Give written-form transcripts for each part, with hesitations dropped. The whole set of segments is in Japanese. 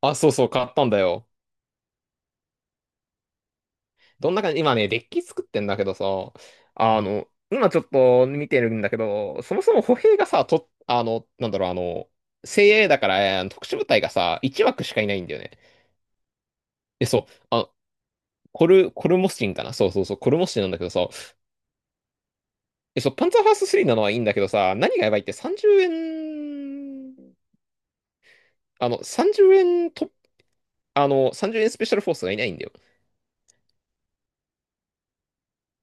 あ、そうそう、買ったんだよ。どんな感じ、今ね、デッキ作ってんだけどさ、今ちょっと見てるんだけど、そもそも歩兵がさ、と、あの、なんだろう、精鋭だから、特殊部隊がさ、1枠しかいないんだよね。え、そう、あ、コルモスチンかな、そうそうそう、コルモスチンなんだけどさ、え、そう、パンツァーファースト3なのはいいんだけどさ、何がやばいって30円、30円と、30円スペシャルフォースがいないんだよ。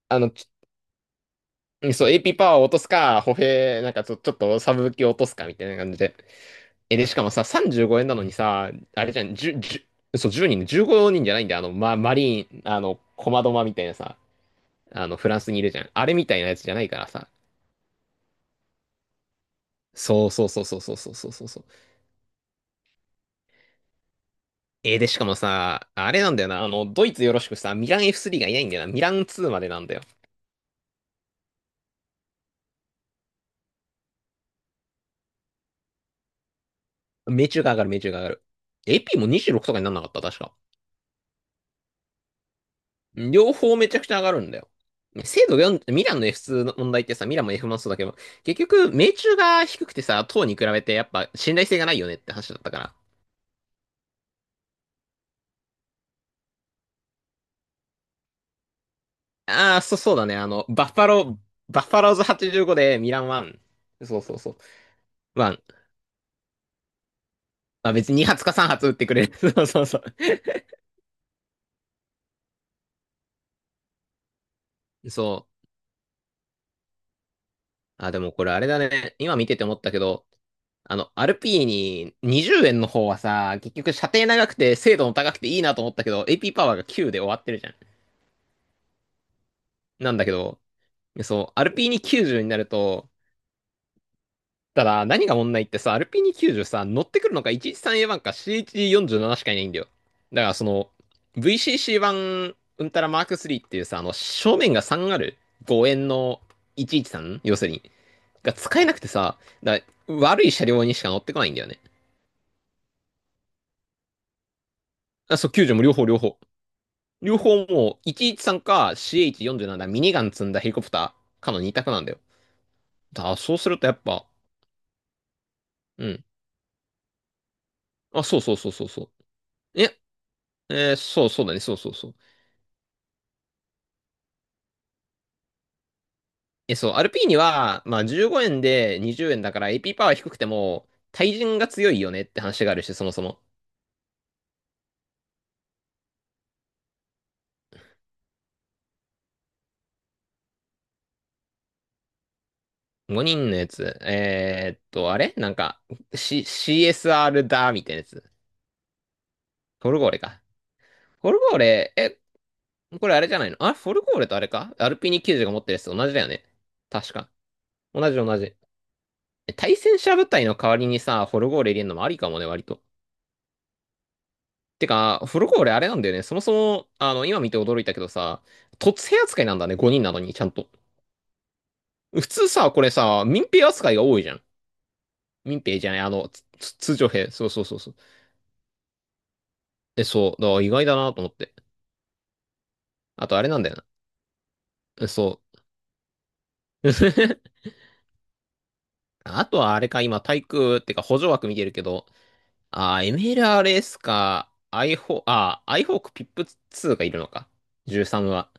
あの、うんそう、AP パワーを落とすか、歩兵、なんかちょっとサブ武器を落とすかみたいな感じで。え、で、しかもさ、35円なのにさ、あれじゃん、10、じゅうそう、1人、15人じゃないんだよ。マリーン、コマドマみたいなさ、フランスにいるじゃん。あれみたいなやつじゃないからさ。そうそうそうそうそうそうそうそうそう。で、しかもさ、あれなんだよな、ドイツよろしくさ、ミラン F3 がいないんだよな。ミラン2までなんだよ。命中が上がる、命中が上がる。AP も26とかになんなかった、確か。両方めちゃくちゃ上がるんだよ。精度4、ミランの F2 の問題ってさ、ミランも F1 もそうだけど、結局、命中が低くてさ、塔に比べてやっぱ信頼性がないよねって話だったから。ああ、そう、そうだね。バッファローズ85でミラン1。そうそうそう。1。まあ別に2発か3発撃ってくれる。そうそうそう。そう。あ、でもこれあれだね。今見てて思ったけど、アールピーに20円の方はさ、結局射程長くて精度も高くていいなと思ったけど、AP パワーが9で終わってるじゃん。なんだけど、そう、RP290 になると、ただ何が問題ってさ、RP290 さ、乗ってくるのが 113A1 か CH47 しかいないんだよ。だからその、VCC1 うんたらマーク3っていうさ、正面が3ある5円の 113 要するに、が使えなくてさ、だから悪い車両にしか乗ってこないんだよね。あ、そう、90も両方両方。両方もう113か CH47 だ、ミニガン積んだヘリコプターかの2択なんだよ。だからそうするとやっぱ、うん。あ、そうそうそうそうそう。え、え、そう、そうだね、そうそうそう。え、そう、アルピーニは、まあ、15円で20円だから AP パワー低くても、対人が強いよねって話があるし、そもそも。5人のやつ。あれなんか、CSR だ、みたいなやつ。フォルゴーレか。フォルゴーレ、え、これあれじゃないの、あ、フォルゴーレとあれかアルピーニ90が持ってるやつ同じだよね。確か。同じ同じ。え対戦車部隊の代わりにさ、フォルゴーレ入れるのもありかもね、割と。てか、フルコ俺あれなんだよね。そもそも、今見て驚いたけどさ、突兵扱いなんだね、5人なのに、ちゃんと。普通さ、これさ、民兵扱いが多いじゃん。民兵じゃない、あの、つつ通常兵。そうそうそうそう。え、そう、だから意外だなと思って。あとあれなんだよな。えそう。あとはあれか、今、対空、ってか補助枠見てるけど、MLRS か、i4、アイホークピップツ2がいるのか。13は。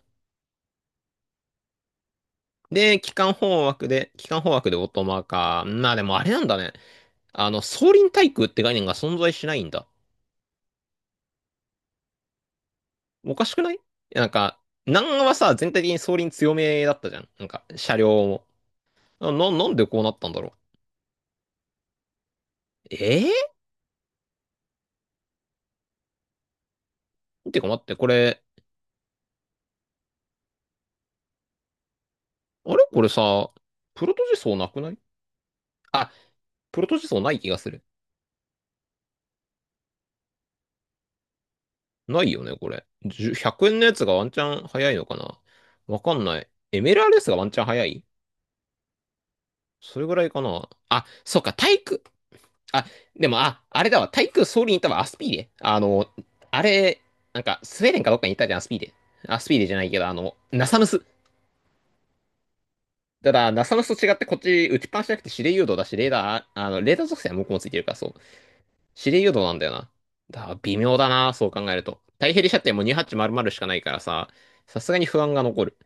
で、機関砲枠でオートマか。まあでもあれなんだね。総輪対空って概念が存在しないんだ。おかしくない、いやなんか、南アはさ、全体的に総輪強めだったじゃん。なんか、車両も。なんでこうなったんだろう。ええーてか待って、これ、あれこれさ、プロトジソーなくない、あ、プロトジソーない気がする。ないよね、これ。10 100円のやつがワンチャン早いのかな、わかんない。MLRS がワンチャン早い、それぐらいかなあ、そうか、対空、あ、でも、あ、あれだわ。対空ソウルに行ったわ。アスピーレ。あの、あれ、なんか、スウェーデンかどっかに行ったじゃん、アスピーレ。アスピーレじゃないけど、ナサムス。ただ、ナサムスと違って、こっち、打ちっぱなしじゃなくて、指令誘導だし、レーダー属性は向こうもついてるから、そう。指令誘導なんだよな。だから、微妙だな、そう考えると。太平射程も2800しかないからさ、さすがに不安が残る。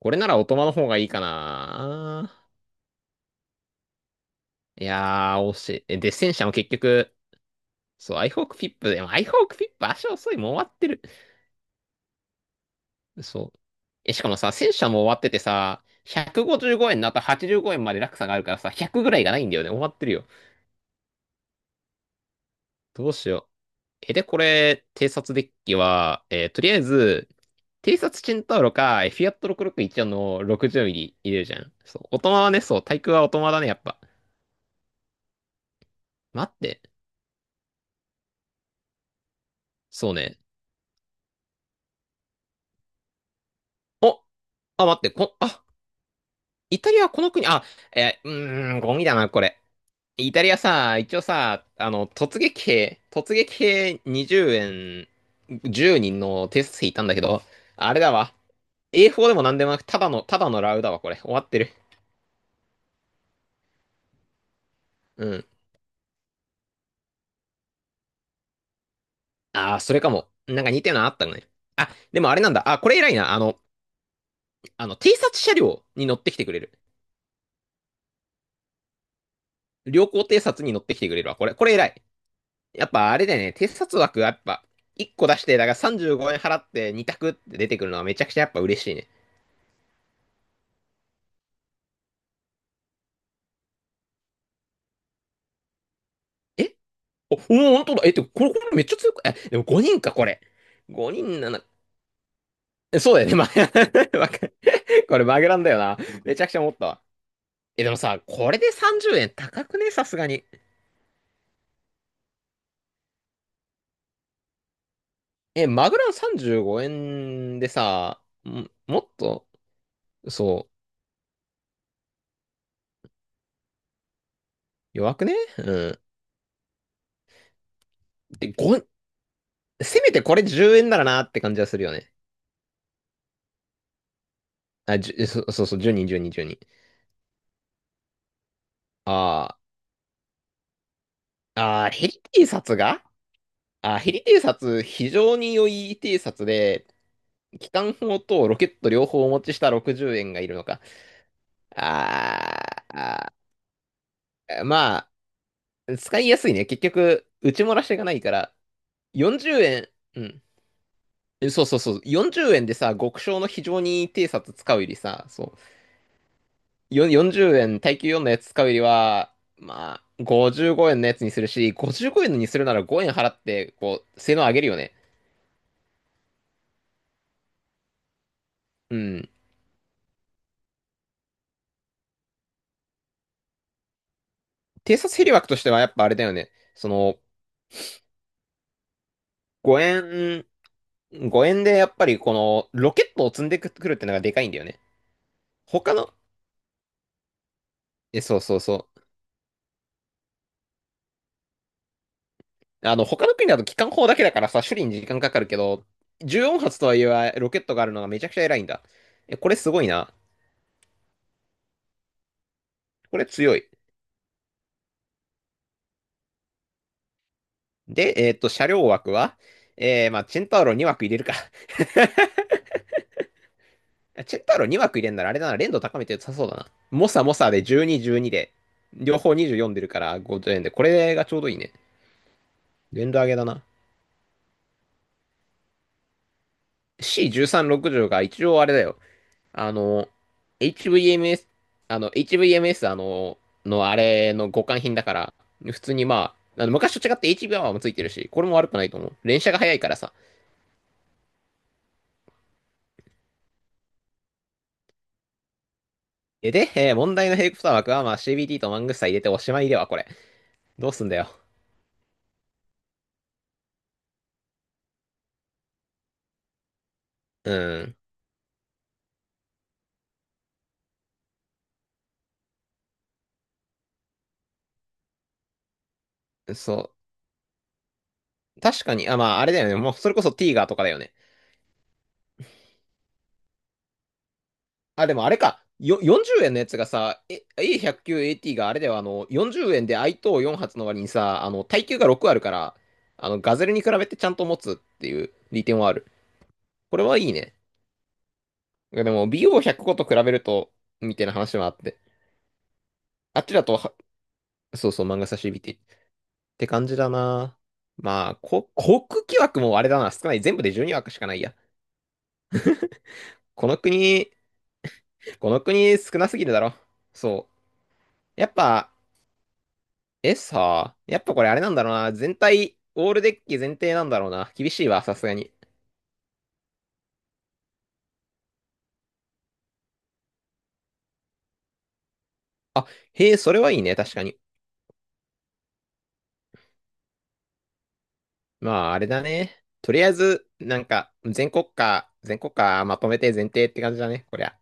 これなら、オトマの方がいいかな。いやー、惜しい。で、戦車も結局、そう、アイホークフィップ、でも、アイホークフィップ、足遅い、もう終わってる。そう。え、しかもさ、戦車も終わっててさ、155円の後85円まで落差があるからさ、100ぐらいがないんだよね。終わってるよ。どうしよう。え、で、これ、偵察デッキは、とりあえず、偵察チェンタウロか、フィアット661の60ミリ入れるじゃん。そう。オトマはね、そう、対空はオトマだね、やっぱ。待って。そうね。おあ、待って、あ、イタリアはこの国、あ、うーん、ゴミだな、これ。イタリアさ、一応さ、突撃兵20円10人の偵察トいたんだけど、あれだわ。A4 でもなんでもなく、ただのラウだわ、これ。終わってる。うん。ああ、それかも。なんか似てるのあったね。あ、でもあれなんだ。あ、これ偉いな。偵察車両に乗ってきてくれる。良好偵察に乗ってきてくれるわ。これ偉い。やっぱあれだよね。偵察枠はやっぱ、1個出して、だから35円払って2択って出てくるのはめちゃくちゃやっぱ嬉しいね。え、お、本当だ。え、って、これ、これめっちゃ強く、え、でも5人か、これ。5人、え、そうだよね。わかこれマグランだよな。めちゃくちゃ思ったわ。え、でもさ、これで30円高くねさすがに。え、マグラン35円でさ、もっと、そう、弱くねうん。で、5、せめてこれ10円ならなって感じはするよね。あ、じゅ、そ、そうそう、10人、10人、10人。あヘリ偵察が、ヘリ偵察、非常に良い偵察で、機関砲とロケット両方お持ちした60円がいるのか。あーあまあ、使いやすいね。結局、打ち漏らしがないから、40円、うん。そうそうそう。40円でさ、極小の非常に偵察使うよりさ、そう。40円、耐久4のやつ使うよりは、まあ、55円のやつにするし、55円のにするなら5円払って、こう、性能上げるよね。うん。偵察ヘリ枠としてはやっぱあれだよね。その、5円、5円でやっぱりこのロケットを積んでくるってのがでかいんだよね。他の、え、そうそうそう。他の国だと機関砲だけだからさ、処理に時間かかるけど、14発とはいえロケットがあるのがめちゃくちゃ偉いんだ。え、これすごいな。これ強い。で、車両枠は、まあ、チェンタウロ2枠入れるか。チェンタウロ2枠入れんならあれだな、連動高めて良さそうだな。モサモサで12、12で、両方24出るから50円で、これがちょうどいいね。連動上げだな。C1360 が一応あれだよ。あの、HVMS、あの、HVMS、あれの互換品だから、普通にまあ、あの昔と違って h v ーもついてるし、これも悪くないと思う。連射が早いからさ。えで、えー問題のヘイクプター枠はまあ CBT とマングスタ入れておしまいでは、これ。どうすんだよ。うん。そう。確かに、あ、まあ、あれだよね。もう、それこそティーガーとかだよね。あ、でもあれか。40円のやつがさ、A109AT があれだよ、40円で i 等4発の割にさ、耐久が6あるから、ガゼルに比べてちゃんと持つっていう利点はある。これはいいね。でも、BO105 と比べると、みたいな話もあって。あっちだとは、そうそう、漫画差し指って感じだな。まあ、航空機枠もあれだな、少ない。全部で12枠しかないや。この国、この国少なすぎるだろ。そう。やっぱ、さあ、やっぱこれあれなんだろうな。全体、オールデッキ前提なんだろうな。厳しいわ、さすがに。あ、へえ、それはいいね、確かに。まあ、あれだね。とりあえず、なんか、全国家まとめて前提って感じだね、こりゃ。